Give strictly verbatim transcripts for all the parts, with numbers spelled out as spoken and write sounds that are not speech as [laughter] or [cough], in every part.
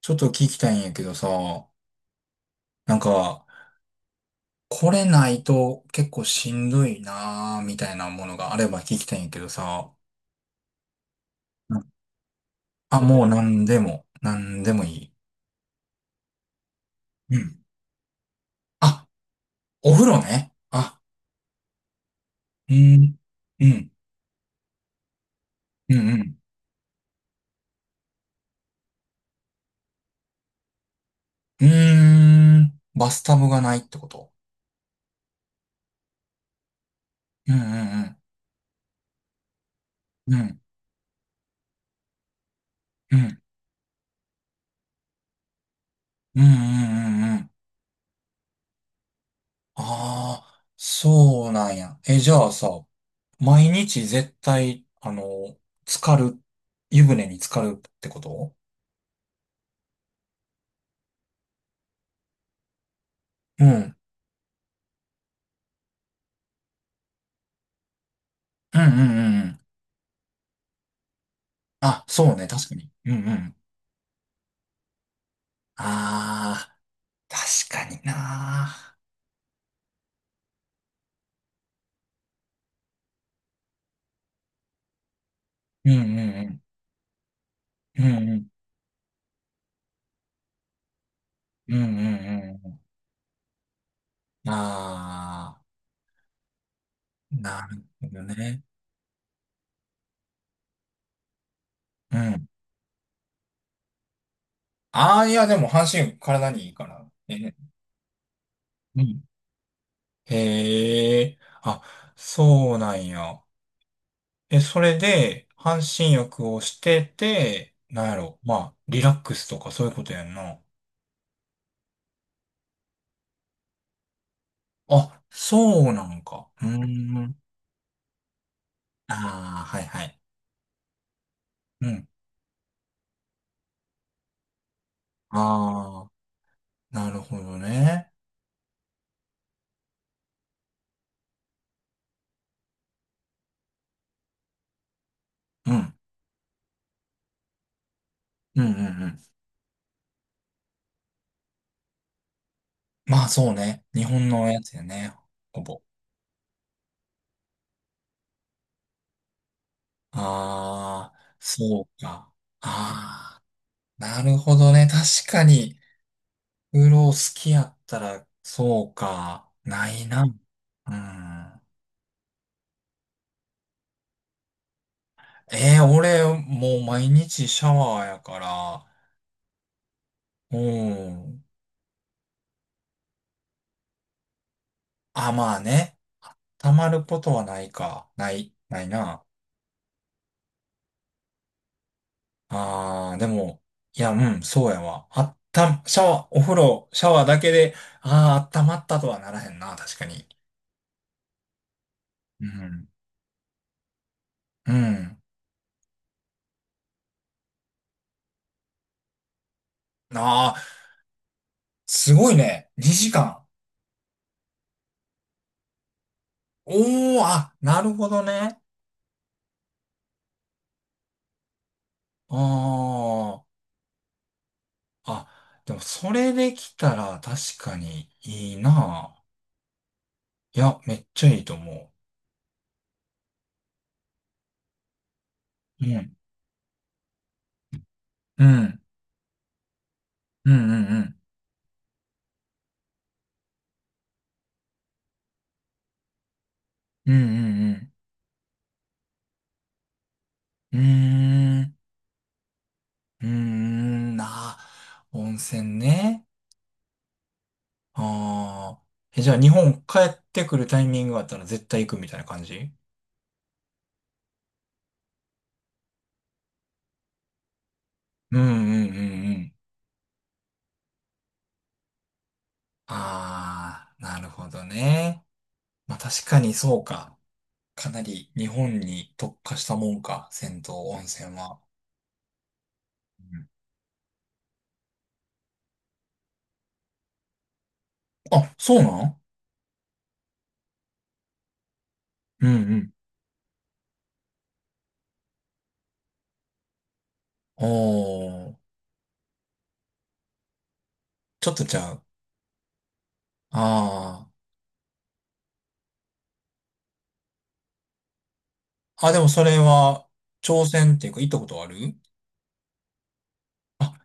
ちょっと聞きたいんやけどさ、なんか、これないと結構しんどいなーみたいなものがあれば聞きたいんやけどさ、うん。あ、もう何でも、何でもいい。うん。あ、お風呂ね。あ、うん、うん、うん、うん。うーん、バスタブがないってこと？うん、うん、うん、うん、うん、うん、うん、うん、うん、うん。ああ、そうなんや。え、じゃあさ、毎日絶対、あの、浸かる、湯船に浸かるってこと？うん。うんうんうんうん。あ、そうね、確かに。うんうん。ああ、確かにな。うんうんうん。うんうん。うんうんうん。ああ、なるほどね。うん。ああ、いや、でも半身体にいいから。え、うん。へえ、あ、そうなんや。え、それで、半身浴をしてて、なんやろ、まあ、リラックスとかそういうことやんな。あ、そうなんか。うーん。ああ、はいはい。うん。ああ、なるほどね。うん。うんうんうん。まあそうね。日本のやつやね。ほぼ。ああ、そうか。ああ、なるほどね。確かに、うろ好きやったら、そうか。ないな。うん。えー、俺、もう毎日シャワーやから、うん。あ、まあね。溜まることはないか。ない、ないな。あー、でも、いや、うん、そうやわ。あった、シャワー、お風呂、シャワーだけで、あー、温まったとはならへんな、確かに。うん。うん。あー、すごいね。に じかん。おー、あ、なるほどね。あー、あ、でもそれできたら確かにいいな。いや、めっちゃいいと思う。うん。うん。うんうんうん。うんうんうん。うーん。うーん。なあ、温泉ね。ああ。え、じゃあ日本帰ってくるタイミングがあったら絶対行くみたいな感じ？うんうんうんうん。ああ、なるほどね。まあ確かにそうか。かなり日本に特化したもんか、銭湯温泉は。うん。あ、そうなん？うんうん。おー、ちょっとじゃあ、ああ。あ、でもそれは、挑戦っていうか、行ったことある？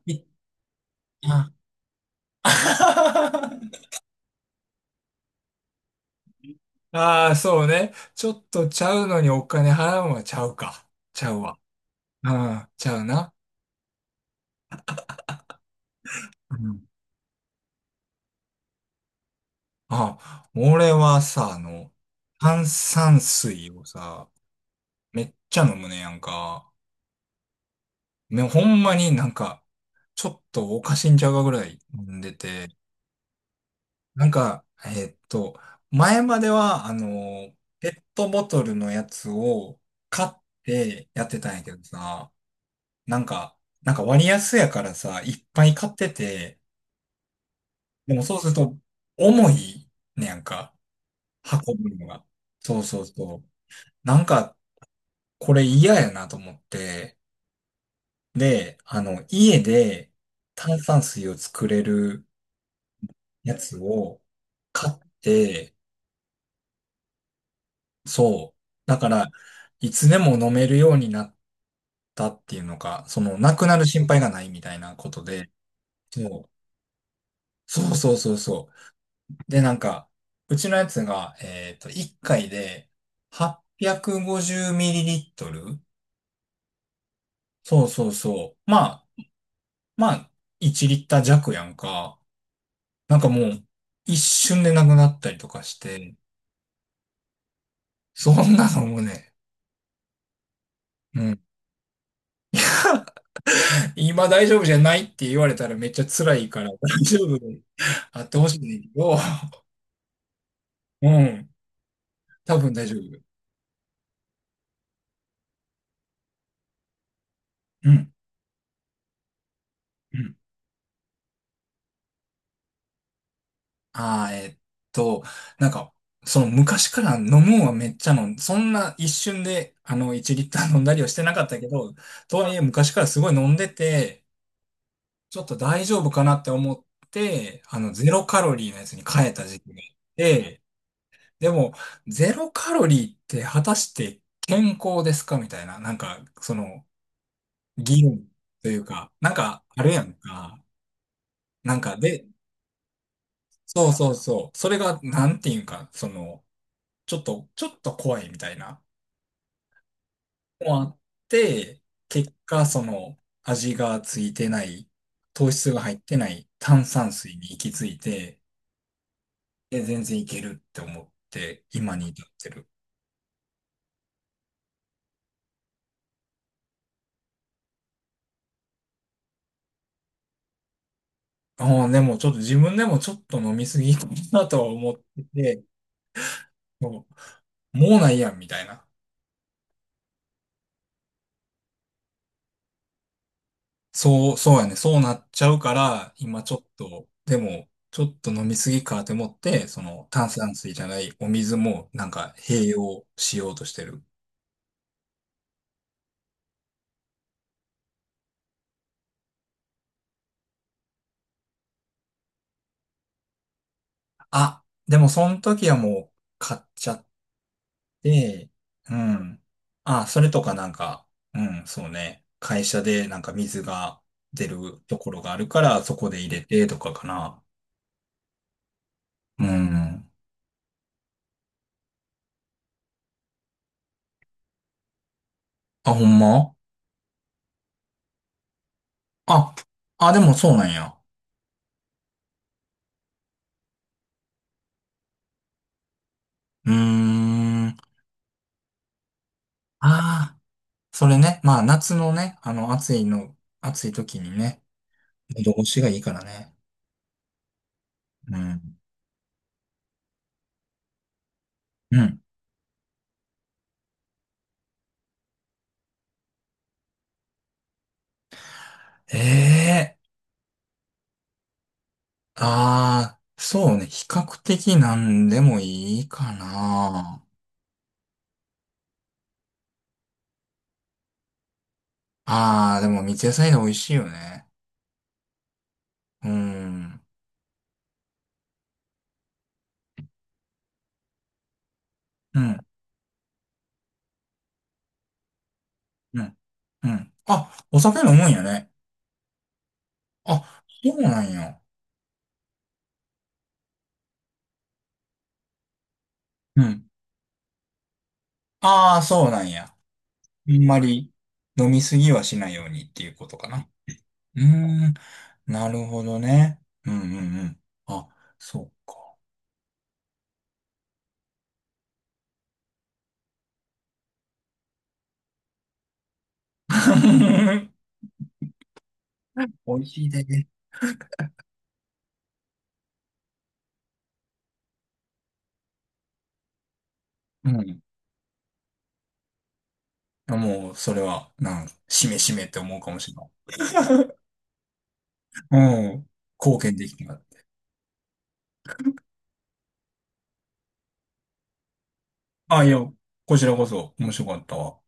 いあ [laughs] あー、そうね。ちょっとちゃうのにお金払うのはちゃうか。ちゃうわ。うん、ちゃうな。うん。あ、俺はさ、あの、炭酸水をさ、めっちゃ飲むねやんか。ね、ほんまになんか、ちょっとおかしいんちゃうかぐらい飲んでて。なんか、えーっと、前までは、あの、ペットボトルのやつを買ってやってたんやけどさ、なんか、なんか、割安やからさ、いっぱい買ってて、でもそうすると重いねやんか、運ぶのが。そうそうそう。なんか、これ嫌やなと思って、で、あの、家で炭酸水を作れるやつを買って、そう。だから、いつでも飲めるようになったっていうのか、その、なくなる心配がないみたいなことで、そう。そうそうそうそう。で、なんか、うちのやつが、えっと、いっかいで はっぴゃくごじゅう ミリリットル？ そうそうそう。まあ、まあ、いちリッター弱やんか。なんかもう、一瞬でなくなったりとかして、そんなのもね、うん。今大丈夫じゃないって言われたらめっちゃ辛いから、[laughs] 大丈夫であってほしいねんだけど、うん、多分大丈夫。うん、うん。ああ、えーっと、なんか、その昔から飲むんはめっちゃ飲ん、そんな一瞬で、あの、いちリッター飲んだりはしてなかったけど、とはいえ昔からすごい飲んでて、ちょっと大丈夫かなって思って、あの、ゼロカロリーのやつに変えた時期があって、でも、ゼロカロリーって果たして健康ですかみたいな、なんか、その、議論というか、なんかあるやんか。なんかで、そうそうそう。それが、なんていうんか、その、ちょっと、ちょっと怖いみたいな。もあって、結果、その、味がついてない、糖質が入ってない炭酸水に行き着いて、で、全然いけるって思って、今に至ってる。ああ、でもちょっと自分でもちょっと飲みすぎたなとは思ってて、もう、もうないやんみたいな。そう、そうやね。そうなっちゃうから、今ちょっと、でも、ちょっと飲みすぎかって思って、その炭酸水じゃないお水もなんか併用しようとしてる。あ、でもその時はもう買っちゃって、うん。あ、それとかなんか、うん、そうね。会社でなんか水が出るところがあるから、そこで入れてとかかな。うん。あ、ほんまあ、あ、でもそうなんや。うーん。ああ。それね、まあ夏のね、あの暑いの、暑い時にね、喉越しがいいからね。うん。うん。ええ。ああー、そうね、比較的なんでもいいかな。ああ、でも三ツ矢サイダー美味しいよね。うん。うん。うん。うん。あ、お酒飲むんやね。あ、そうなんや。うん。ああ、そうなんや。あんまり飲みすぎはしないようにっていうことかな。うーん。なるほどね。うんうんうん。あ、そうか。[laughs] 美味しいで。うん。あもう、それは、なん、しめしめって思うかもしれない。うん。貢献できなたな。あ、いや、こちらこそ面白かったわ。